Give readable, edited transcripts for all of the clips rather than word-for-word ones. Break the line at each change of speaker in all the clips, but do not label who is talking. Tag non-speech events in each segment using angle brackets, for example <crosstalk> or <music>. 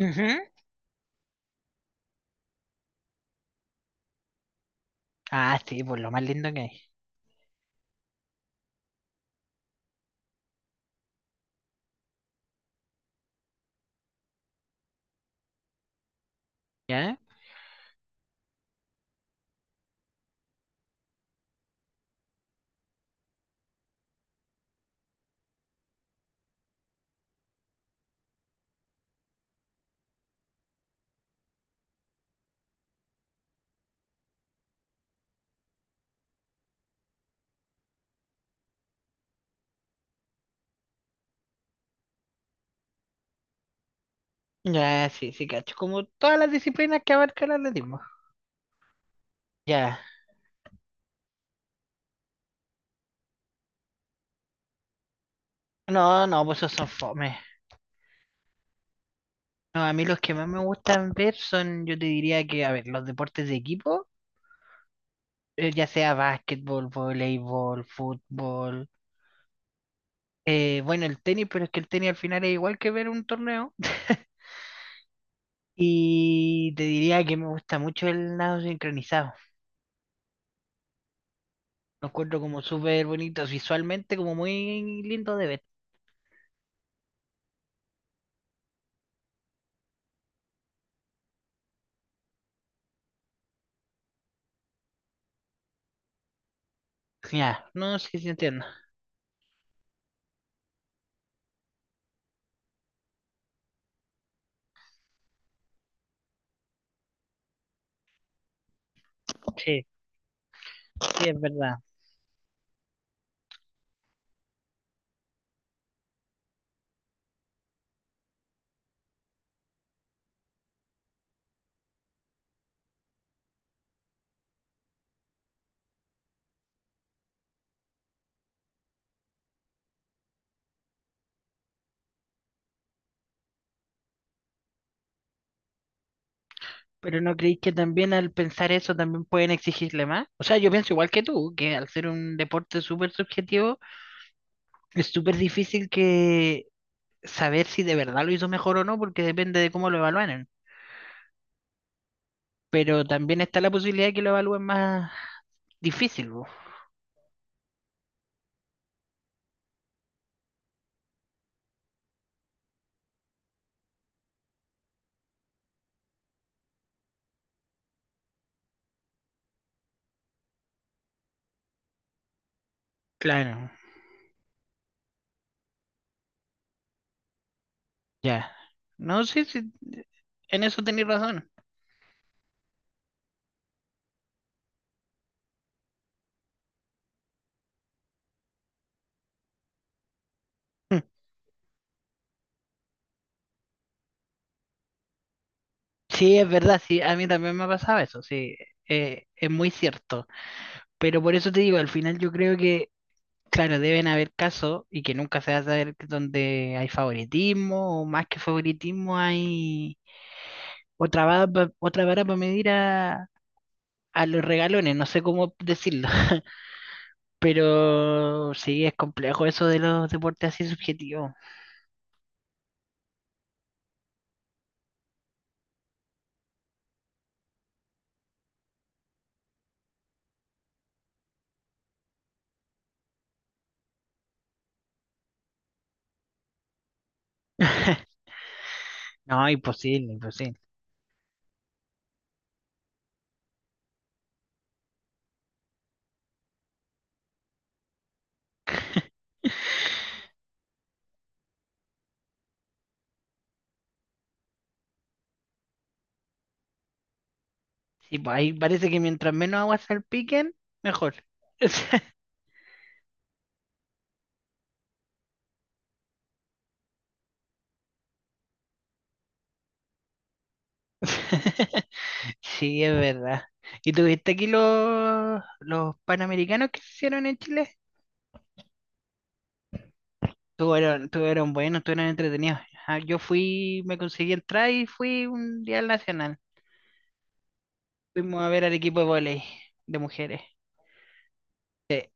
Ujú. Ah, sí, pues lo más lindo que hay. ¿Ya? Ya, sí, sí, cacho. Como todas las disciplinas que abarca el atletismo. Ya. No, no, pues esos son fome. No, a mí los que más me gustan ver son, yo te diría que, a ver, los deportes de equipo, ya sea básquetbol, voleibol, fútbol. Bueno, el tenis, pero es que el tenis al final es igual que ver un torneo. <laughs> Y te diría que me gusta mucho el nado sincronizado. Lo encuentro como súper bonito visualmente, como muy lindo de ver. Ya, no sé si entiendo. Sí, sí, es verdad. Pero ¿no creéis que también al pensar eso también pueden exigirle más? O sea, yo pienso igual que tú, que al ser un deporte súper subjetivo, es súper difícil que saber si de verdad lo hizo mejor o no, porque depende de cómo lo evalúen. Pero también está la posibilidad de que lo evalúen más difícil, po. Claro, ya. No sé si en eso tenéis razón. Sí, es verdad, sí, a mí también me ha pasado eso, sí, es muy cierto. Pero por eso te digo, al final yo creo que claro, deben haber casos y que nunca se va a saber donde hay favoritismo o más que favoritismo hay otra vara, otra vara para medir a los regalones, no sé cómo decirlo, <laughs> pero sí es complejo eso de los deportes así subjetivos. <laughs> No, imposible, imposible. <laughs> Sí, pues ahí parece que mientras menos aguas salpiquen, mejor. <laughs> Sí, es verdad. ¿Y tuviste aquí los panamericanos que se hicieron en Chile? Todos eran tuvieron, eran buenos, tuvieron entretenidos. Ah, yo fui, me conseguí entrar y fui un día al Nacional. Fuimos a ver al equipo de vóley de mujeres. Sí,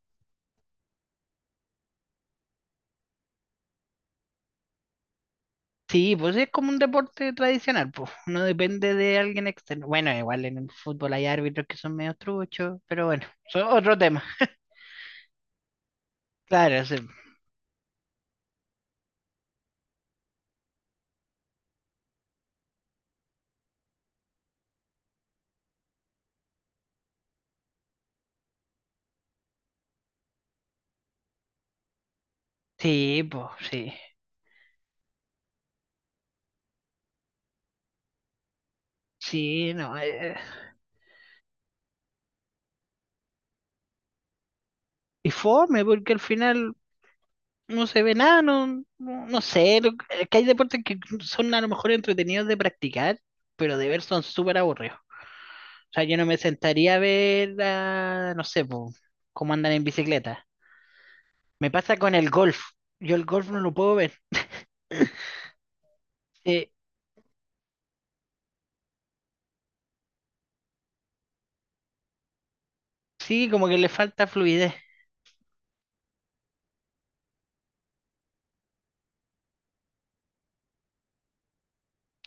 sí, pues es como un deporte tradicional, pues. No depende de alguien externo. Bueno, igual en el fútbol hay árbitros que son medio truchos, pero bueno, eso es otro tema. Claro, sí. Sí, pues, sí. Sí, no. Y fome, porque al final no se ve nada, no, no, no sé. Es que hay deportes que son a lo mejor entretenidos de practicar, pero de ver son súper aburridos. O sea, yo no me sentaría a ver, a, no sé, po, cómo andan en bicicleta. Me pasa con el golf. Yo el golf no lo puedo ver. Eh, sí, como que le falta fluidez.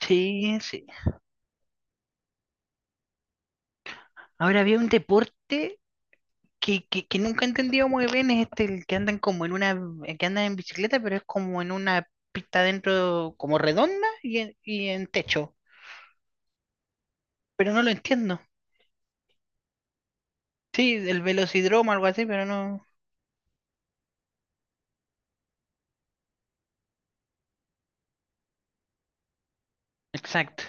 Sí, sí. Ahora había un deporte que nunca he entendido muy bien, es este, el que andan como en una, que andan en bicicleta, pero es como en una pista dentro, como redonda y en techo. Pero no lo entiendo. Sí, el velocidromo, algo así, pero no. Exacto.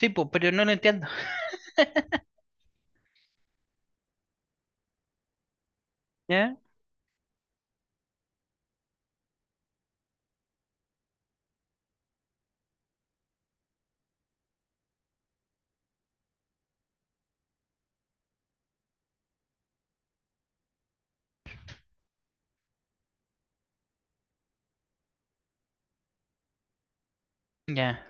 Sí, pues, pero no lo entiendo. ¿Ya? Ya,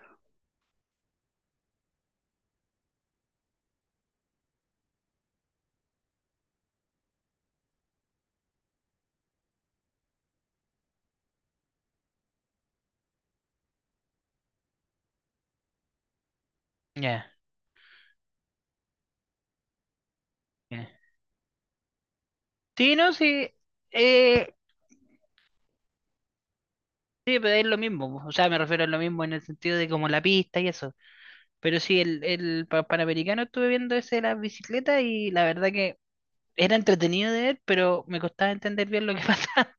ya, ya. Sí, no, sí. Eh, sí, pero es lo mismo. O sea, me refiero a lo mismo en el sentido de como la pista y eso. Pero sí, el, Panamericano estuve viendo ese de las bicicletas y la verdad que era entretenido de ver, pero me costaba entender bien lo que <laughs> pasaba.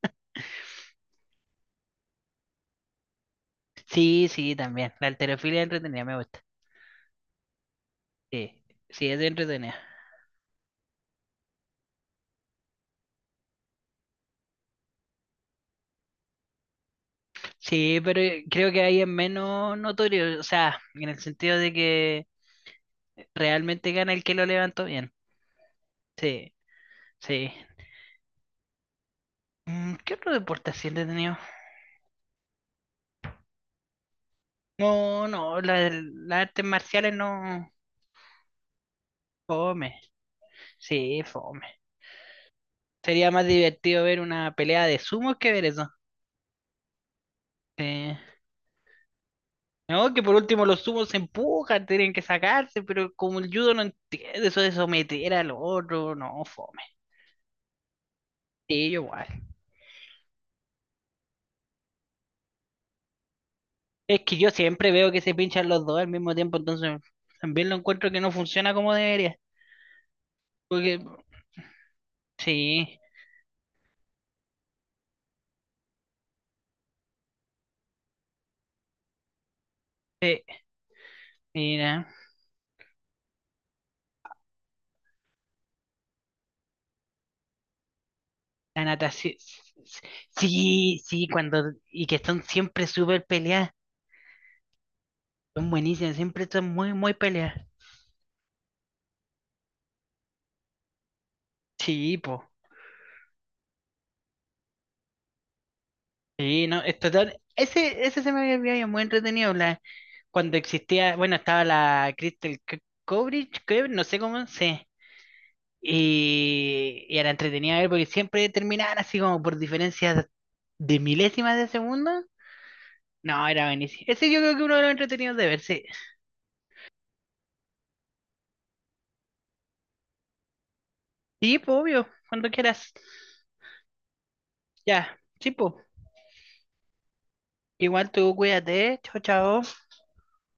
Sí, sí, también. La halterofilia es entretenida, me gusta. Sí, sí, es entretenida. Sí, pero creo que ahí es menos notorio, o sea, en el sentido de que realmente gana el que lo levantó bien. Sí, sí. Mm, ¿qué otro deporte así entretenido? No, no, las artes marciales no. Fome. Sí, fome. Sería más divertido ver una pelea de sumos que ver eso. Sí. No, que por último los sumos se empujan, tienen que sacarse, pero como el judo no entiende eso de someter al otro, no, fome. Sí, yo igual. Es que yo siempre veo que se pinchan los dos al mismo tiempo, entonces también lo encuentro que no funciona como debería. Porque, sí, eh, mira, la natación. Sí, sí, cuando. Y que están siempre súper peleadas. Son buenísimas, siempre están muy, muy peleadas. Sí, po. Sí, no, es total. Ese se me había olvidado, y es muy entretenido. Cuando existía, bueno, estaba la Crystal Coverage, no sé cómo, sí. Y era entretenida ver porque siempre terminaban así como por diferencias de milésimas de segundo. No, era buenísimo. Ese yo creo que uno de los entretenidos de ver, sí. Sí, po, obvio, cuando quieras. Ya, sí, po. Igual tú cuídate, chao, chao.